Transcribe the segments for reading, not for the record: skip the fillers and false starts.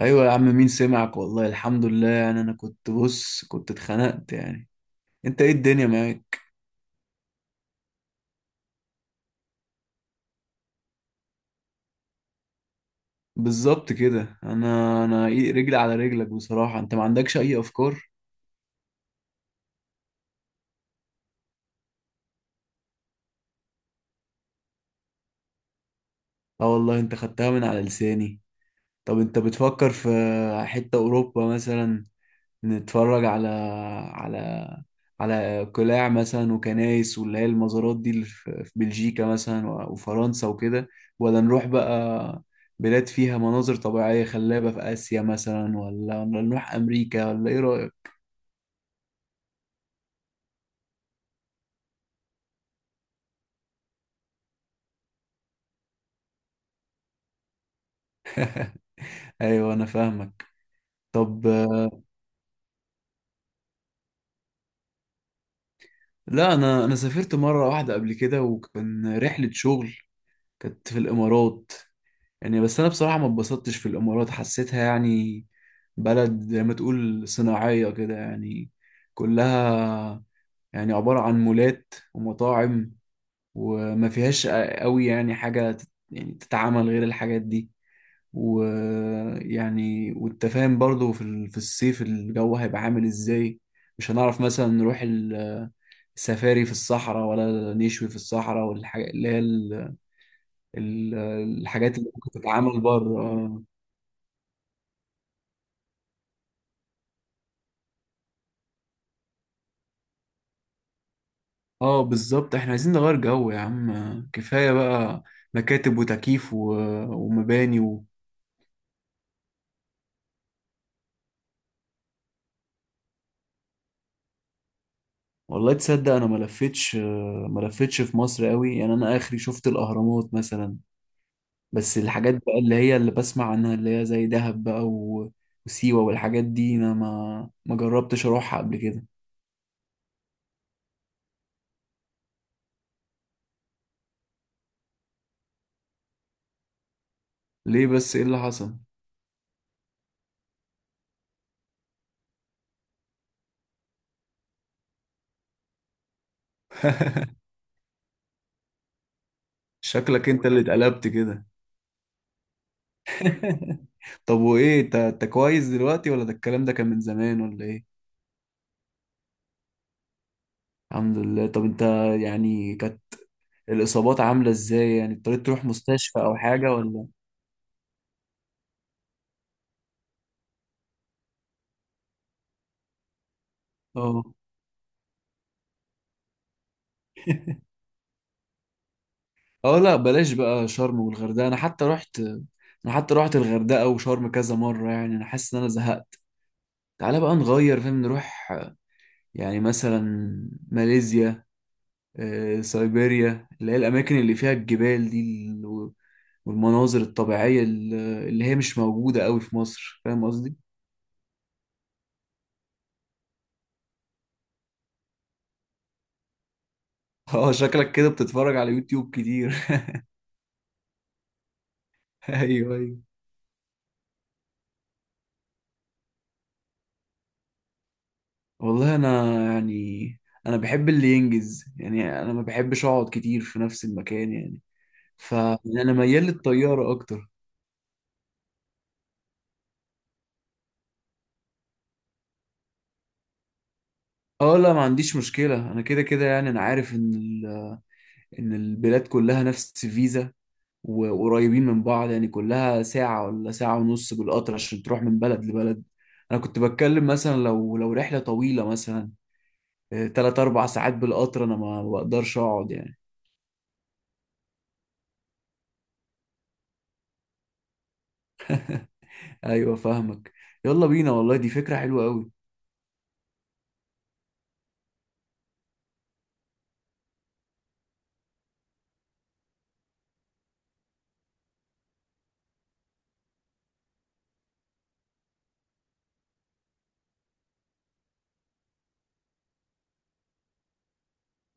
ايوه يا عم، مين سمعك، والله الحمد لله. يعني انا كنت بص كنت اتخنقت يعني. انت ايه الدنيا معاك؟ بالظبط كده. انا إيه رجلي على رجلك بصراحة. انت ما عندكش اي افكار؟ اه والله، انت خدتها من على لساني. طب انت بتفكر في حتة اوروبا مثلا؟ نتفرج على على على قلاع مثلا وكنايس، واللي هي المزارات دي اللي في في بلجيكا مثلا و- وفرنسا وكده، ولا نروح بقى بلاد فيها مناظر طبيعية خلابة في آسيا مثلا، ولا نروح أمريكا، ولا إيه رأيك؟ أيوه أنا فاهمك. طب، لا أنا سافرت مرة واحدة قبل كده وكان رحلة شغل، كانت في الإمارات. يعني بس انا بصراحة ما اتبسطتش في الامارات، حسيتها يعني بلد زي ما تقول صناعية كده يعني، كلها يعني عبارة عن مولات ومطاعم، وما فيهاش قوي يعني حاجة يعني تتعمل غير الحاجات دي. ويعني وانت فاهم برضه في الصيف الجو هيبقى عامل ازاي. مش هنعرف مثلا نروح السفاري في الصحراء، ولا نشوي في الصحراء والحاجات اللي هي ال- الحاجات اللي ممكن تتعمل بره. اه بالظبط، احنا عايزين نغير جو يا عم، كفاية بقى مكاتب وتكييف ومباني والله تصدق، انا ما لفتش، ما لفتش في مصر قوي، يعني انا اخري شفت الاهرامات مثلا، بس الحاجات بقى اللي هي اللي بسمع عنها اللي هي زي دهب بقى، و... وسيوة والحاجات دي، انا ما ما جربتش اروحها قبل كده. ليه بس ايه اللي حصل؟ شكلك انت اللي اتقلبت كده. طب وايه، انت انت كويس دلوقتي، ولا ده الكلام ده كان من زمان، ولا ايه؟ الحمد لله. طب انت يعني كانت الاصابات عامله ازاي، يعني اضطريت تروح مستشفى او حاجه ولا؟ اه اه، لا بلاش بقى شرم والغردقه. انا حتى رحت، انا حتى رحت الغردقه وشرم كذا مره. يعني انا حاسس ان انا زهقت. تعالى بقى نغير فاهم، نروح يعني مثلا ماليزيا، سيبيريا، اللي هي الاماكن اللي فيها الجبال دي، والمناظر الطبيعيه اللي اللي هي مش موجوده قوي في مصر، فاهم قصدي؟ اه شكلك كده بتتفرج على يوتيوب كتير. ايوه ايوه. والله انا يعني انا بحب اللي ينجز، يعني انا ما بحبش اقعد كتير في نفس المكان يعني، فانا ميال للطياره اكتر. اه لا، ما عنديش مشكله. انا كده كده يعني، انا عارف ان البلاد كلها نفس الفيزا وقريبين من بعض، يعني كلها ساعه ولا ساعه ونص بالقطر عشان تروح من بلد لبلد. انا كنت بتكلم مثلا، لو رحله طويله مثلا، تلات اربع ساعات بالقطر انا ما ما بقدرش اقعد يعني. ايوه فاهمك، يلا بينا، والله دي فكره حلوه قوي.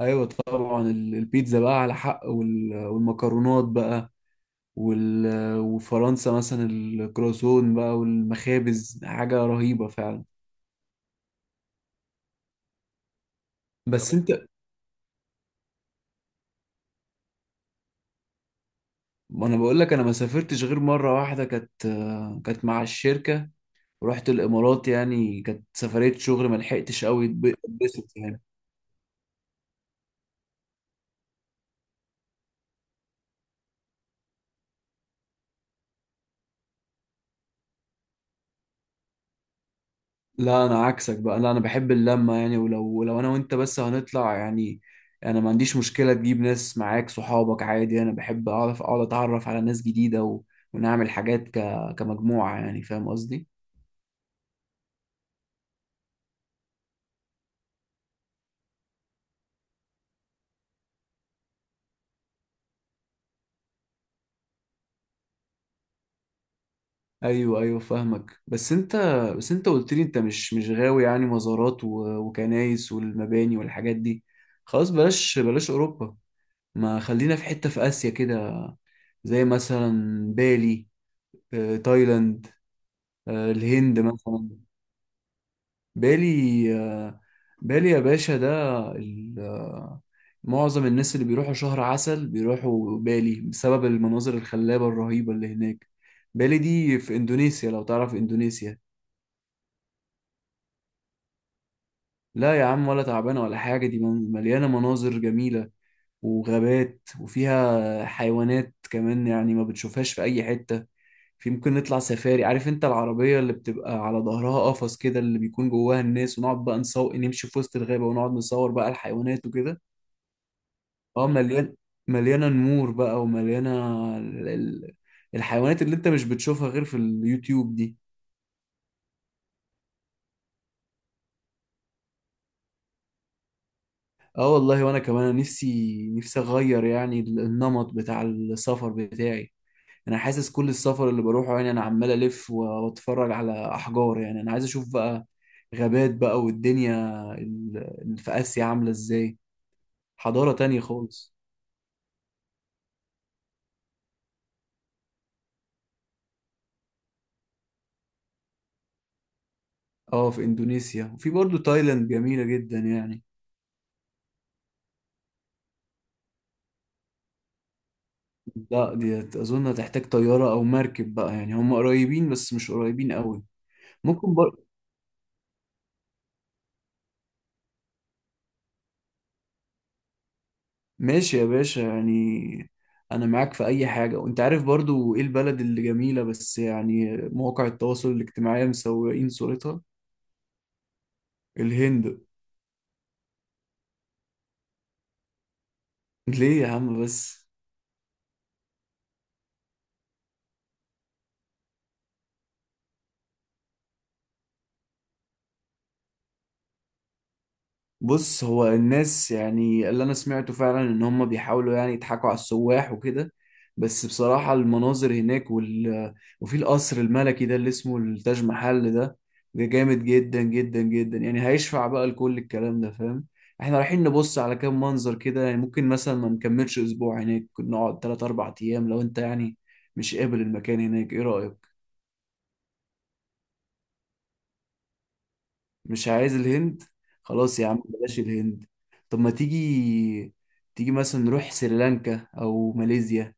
ايوه طبعا، البيتزا بقى على حق وال- والمكرونات بقى، وال- وفرنسا مثلا الكرواسون بقى والمخابز حاجه رهيبه فعلا. طب بس، طب انت، ما انا بقول لك انا ما سافرتش غير مره واحده، كانت مع الشركه، ورحت الامارات. يعني كانت سفريه شغل، ما لحقتش قوي اتبسط يعني. لا انا عكسك بقى، لا انا بحب اللمه يعني، ولو لو انا وانت بس هنطلع يعني، انا ما عنديش مشكله تجيب ناس معاك صحابك عادي، انا بحب اعرف اقعد اتعرف على ناس جديده و... ونعمل حاجات ك... كمجموعه يعني، فاهم قصدي؟ ايوه ايوه فاهمك. بس انت قلت لي انت مش غاوي يعني مزارات و... وكنايس والمباني والحاجات دي، خلاص بلاش بلاش اوروبا، ما خلينا في حته في اسيا كده، زي مثلا بالي، تايلاند، الهند مثلا. بالي؟ بالي يا باشا، ده ال- آه، معظم الناس اللي بيروحوا شهر عسل بيروحوا بالي بسبب المناظر الخلابة الرهيبة اللي هناك. بالي دي في إندونيسيا، لو تعرف إندونيسيا. لا يا عم، ولا تعبانة ولا حاجة، دي مليانة مناظر جميلة وغابات وفيها حيوانات كمان يعني ما بتشوفهاش في أي حتة. في، ممكن نطلع سفاري، عارف انت العربية اللي بتبقى على ظهرها قفص كده اللي بيكون جواها الناس، ونقعد بقى نصور نمشي في وسط الغابة ونقعد نصور بقى الحيوانات وكده. اه مليان، مليانه نمور بقى، ومليانه ال- ال- الحيوانات اللي انت مش بتشوفها غير في اليوتيوب دي. اه والله، وانا كمان نفسي اغير يعني النمط بتاع السفر بتاعي. انا حاسس كل السفر اللي بروحه يعني، انا عمال الف و- واتفرج على احجار يعني. انا عايز اشوف بقى غابات بقى والدنيا اللي في اسيا عامله ازاي، حضاره تانية خالص. اه في اندونيسيا، وفي برضو تايلاند جميله جدا يعني. لا دي اظن هتحتاج طياره او مركب بقى يعني، هم قريبين بس مش قريبين قوي. ممكن بر... ماشي يا باشا يعني، انا معاك في اي حاجه، وانت عارف برضو ايه البلد اللي جميله بس يعني مواقع التواصل الاجتماعي مسوقين صورتها: الهند. ليه يا عم بس؟ بص هو الناس، يعني اللي انا سمعته فعلا ان هم بيحاولوا يعني يضحكوا على السواح وكده، بس بصراحة المناظر هناك، وال... وفي القصر الملكي ده اللي اسمه التاج محل ده، ده جامد جدا جدا جدا يعني، هيشفع بقى لكل الكلام ده فاهم. احنا رايحين نبص على كام منظر كده يعني، ممكن مثلا ما نكملش اسبوع هناك، نقعد 3 4 ايام، لو انت يعني مش قابل المكان هناك، ايه رأيك؟ مش عايز الهند، خلاص يا عم، بلاش الهند. طب ما تيجي تيجي مثلا نروح سريلانكا او ماليزيا.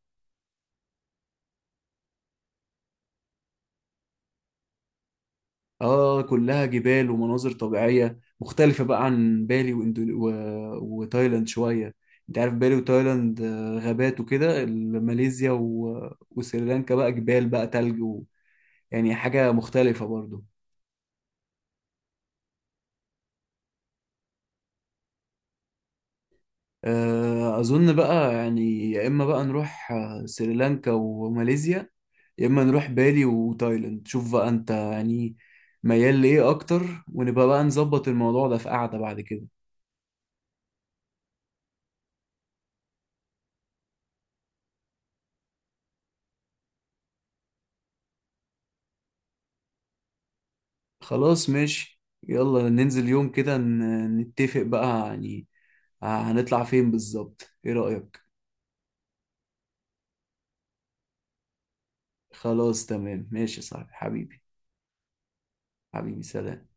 اه كلها جبال ومناظر طبيعية مختلفة بقى عن بالي واندو... و... وتايلاند شوية، انت عارف بالي وتايلاند غابات وكده، ماليزيا و... وسريلانكا بقى جبال بقى تلج، و... يعني حاجة مختلفة برضو. أظن بقى يعني، يا إما بقى نروح سريلانكا وماليزيا، يا اما نروح بالي وتايلاند، شوف بقى انت يعني ميال لايه اكتر، ونبقى بقى نظبط الموضوع ده في قعدة بعد كده. خلاص ماشي، يلا ننزل يوم كده نتفق بقى يعني، هنطلع فين بالظبط، ايه رأيك؟ خلاص تمام، ماشي يا صاحبي حبيبي، حبيبي سلام.